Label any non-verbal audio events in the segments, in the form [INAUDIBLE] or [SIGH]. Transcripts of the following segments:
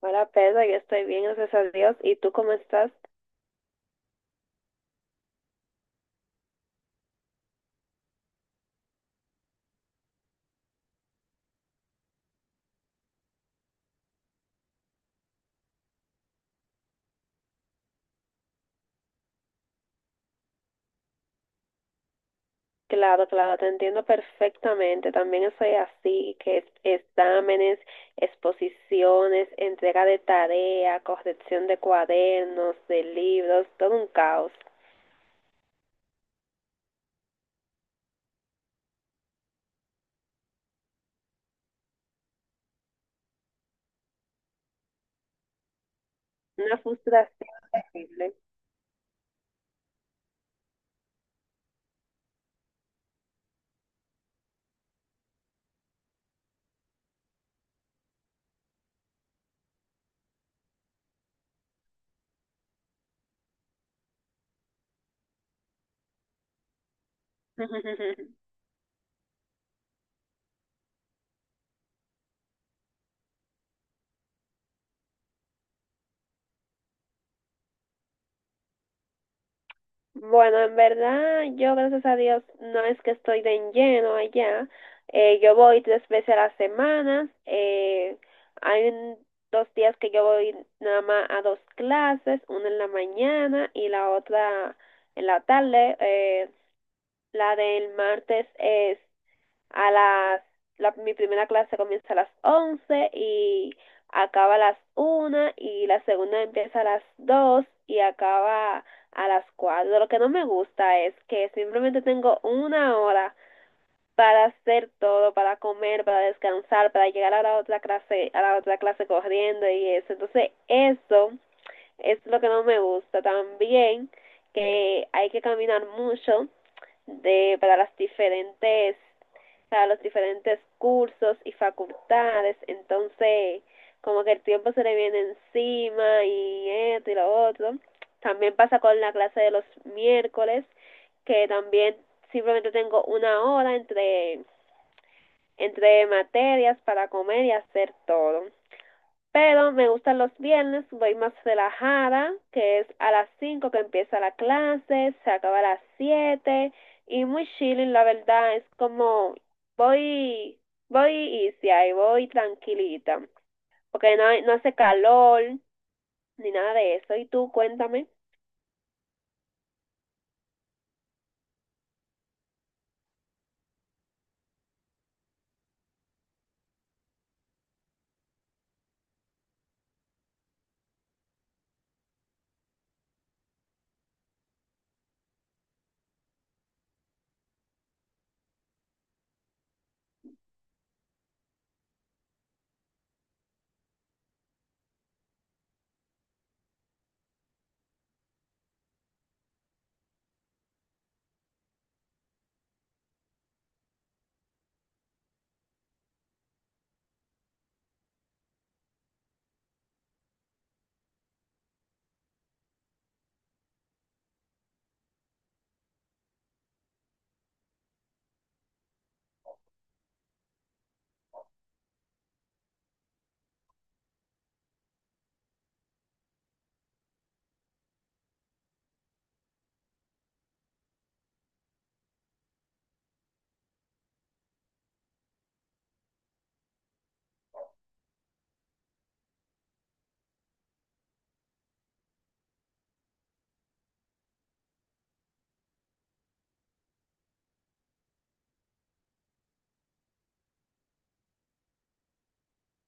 Hola Pedro, yo estoy bien, gracias a Dios. ¿Y tú cómo estás? Claro, claro, te entiendo perfectamente. También estoy así, exámenes, exposiciones, entrega de tarea, corrección de cuadernos, de libros, todo un caos. Una frustración. Terrible. [LAUGHS] Bueno, en verdad, yo gracias a Dios no es que estoy de en lleno allá. Yo voy tres veces a la semana. Hay un- 2 días que yo voy nada más a dos clases, una en la mañana y la otra en la tarde. La del martes es a las, la- Mi primera clase comienza a las 11 y acaba a las 1 y la segunda empieza a las 2 y acaba a las 4. Lo que no me gusta es que simplemente tengo una hora para hacer todo, para comer, para descansar, para llegar a la otra clase, a la otra clase corriendo y eso. Entonces, eso es lo que no me gusta. También que hay que caminar mucho de para las diferentes, o sea, los diferentes cursos y facultades, entonces como que el tiempo se le viene encima y esto y lo otro. También pasa con la clase de los miércoles, que también simplemente tengo una hora entre materias para comer y hacer todo. Pero me gustan los viernes, voy más relajada, que es a las 5 que empieza la clase, se acaba a las 7 y muy chilling, la verdad, es como voy, voy easy ahí, voy tranquilita, porque no, no hace calor ni nada de eso. Y tú, cuéntame.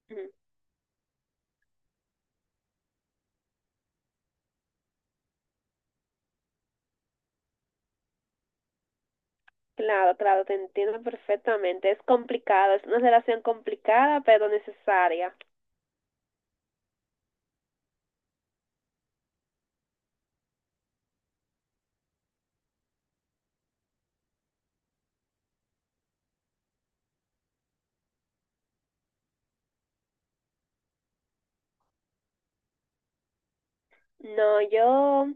Ujú. Claro, claro, te entiendo perfectamente, es complicado, es una relación complicada, pero necesaria. No, yo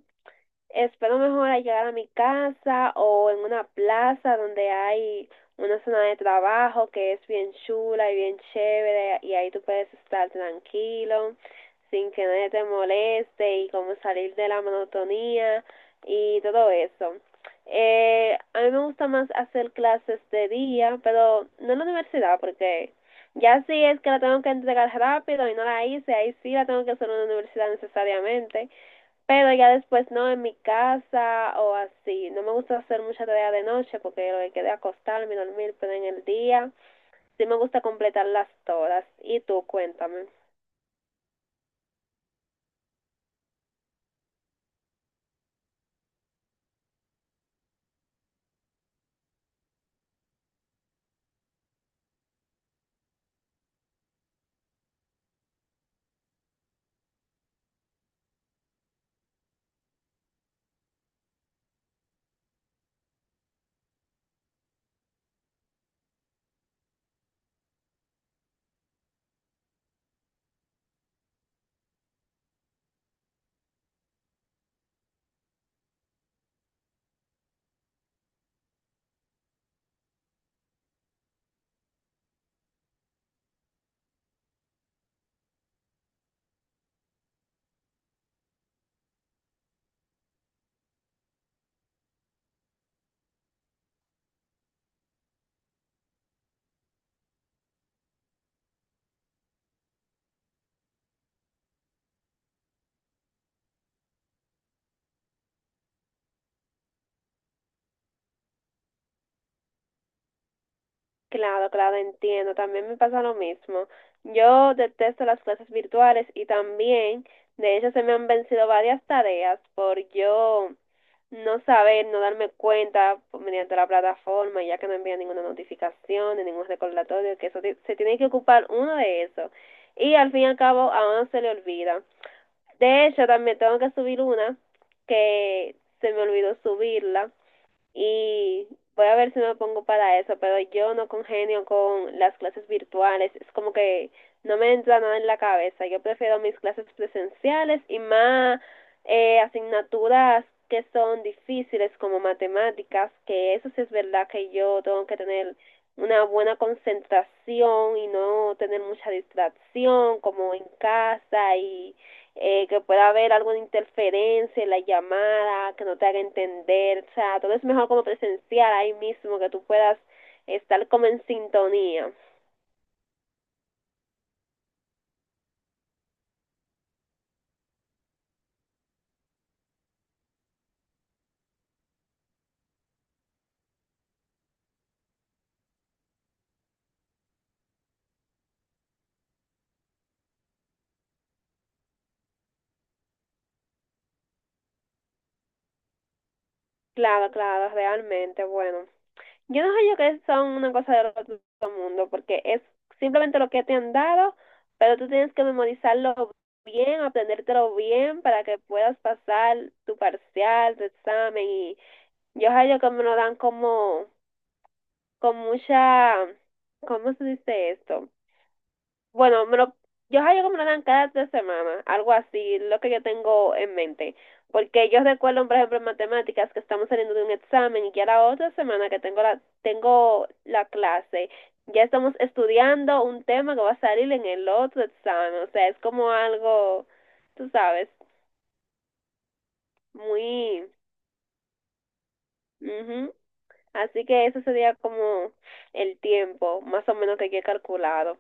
espero mejor al llegar a mi casa o en una plaza donde hay una zona de trabajo que es bien chula y bien chévere y ahí tú puedes estar tranquilo sin que nadie te moleste y como salir de la monotonía y todo eso. A mí me gusta más hacer clases de día, pero no en la universidad porque ya si es que la tengo que entregar rápido y no la hice, ahí sí la tengo que hacer en la universidad necesariamente, pero ya después no, en mi casa o así. No me gusta hacer mucha tarea de noche porque lo que queda es acostarme y dormir, pero en el día sí me gusta completarlas todas. Y tú, cuéntame. Claro, claro, entiendo. También me pasa lo mismo. Yo detesto las clases virtuales y también, de hecho, se me han vencido varias tareas por yo no saber, no darme cuenta mediante la plataforma, ya que no envía ninguna notificación ni ningún recordatorio, que eso se tiene que ocupar uno de eso. Y al fin y al cabo, a uno se le olvida. De hecho, también tengo que subir una que se me olvidó subirla y voy a ver si me pongo para eso, pero yo no congenio con las clases virtuales, es como que no me entra nada en la cabeza, yo prefiero mis clases presenciales y más asignaturas que son difíciles como matemáticas, que eso sí es verdad que yo tengo que tener una buena concentración y no tener mucha distracción como en casa y que pueda haber alguna interferencia en la llamada, que no te haga entender, o sea, todo es mejor como presencial ahí mismo, que tú puedas estar como en sintonía. Claro, claro, realmente, bueno. Yo no sé, yo que son una cosa del otro mundo, porque es simplemente lo que te han dado, pero tú tienes que memorizarlo bien, aprendértelo bien para que puedas pasar tu parcial, tu examen. Y yo hallo que me lo dan como con mucha, ¿cómo se dice esto? Bueno, yo creo que me lo dan cada 3 semanas, algo así, lo que yo tengo en mente. Porque yo recuerdo, por ejemplo, en matemáticas que estamos saliendo de un examen y ya la otra semana que tengo la, clase, ya estamos estudiando un tema que va a salir en el otro examen. O sea, es como algo, tú sabes, muy... Ujú. Así que eso sería como el tiempo, más o menos, que yo he calculado.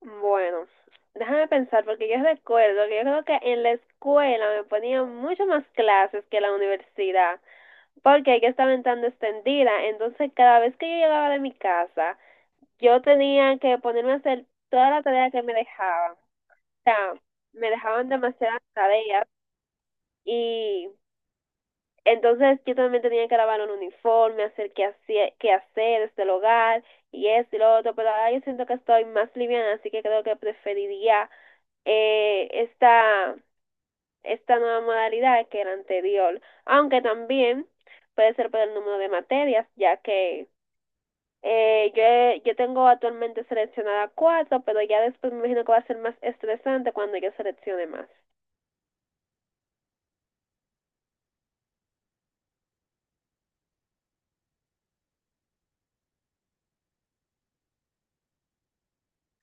Bueno, déjame pensar, porque yo recuerdo que yo creo que en la escuela me ponían mucho más clases que en la universidad, porque yo estaba en tan extendida, entonces cada vez que yo llegaba de mi casa, yo tenía que ponerme a hacer toda la tarea que me dejaban. O sea, me dejaban demasiadas tareas y entonces yo también tenía que lavar un uniforme, hacer qué hacer, qué hacer desde el hogar y esto y lo otro, pero ahora yo siento que estoy más liviana, así que creo que preferiría eh, esta, esta nueva modalidad que la anterior, aunque también puede ser por el número de materias, ya que yo tengo actualmente seleccionada cuatro, pero ya después me imagino que va a ser más estresante cuando yo seleccione más.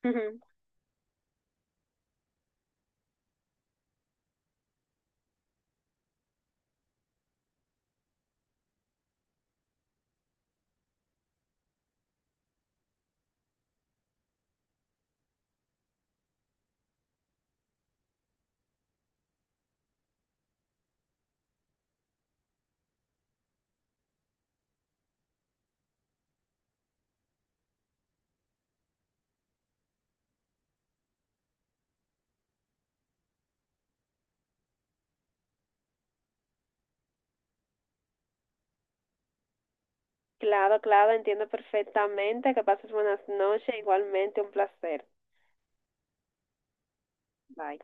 Ujú. Claro, claro, entiendo perfectamente. Que pases buenas noches. Igualmente, un placer. Bye.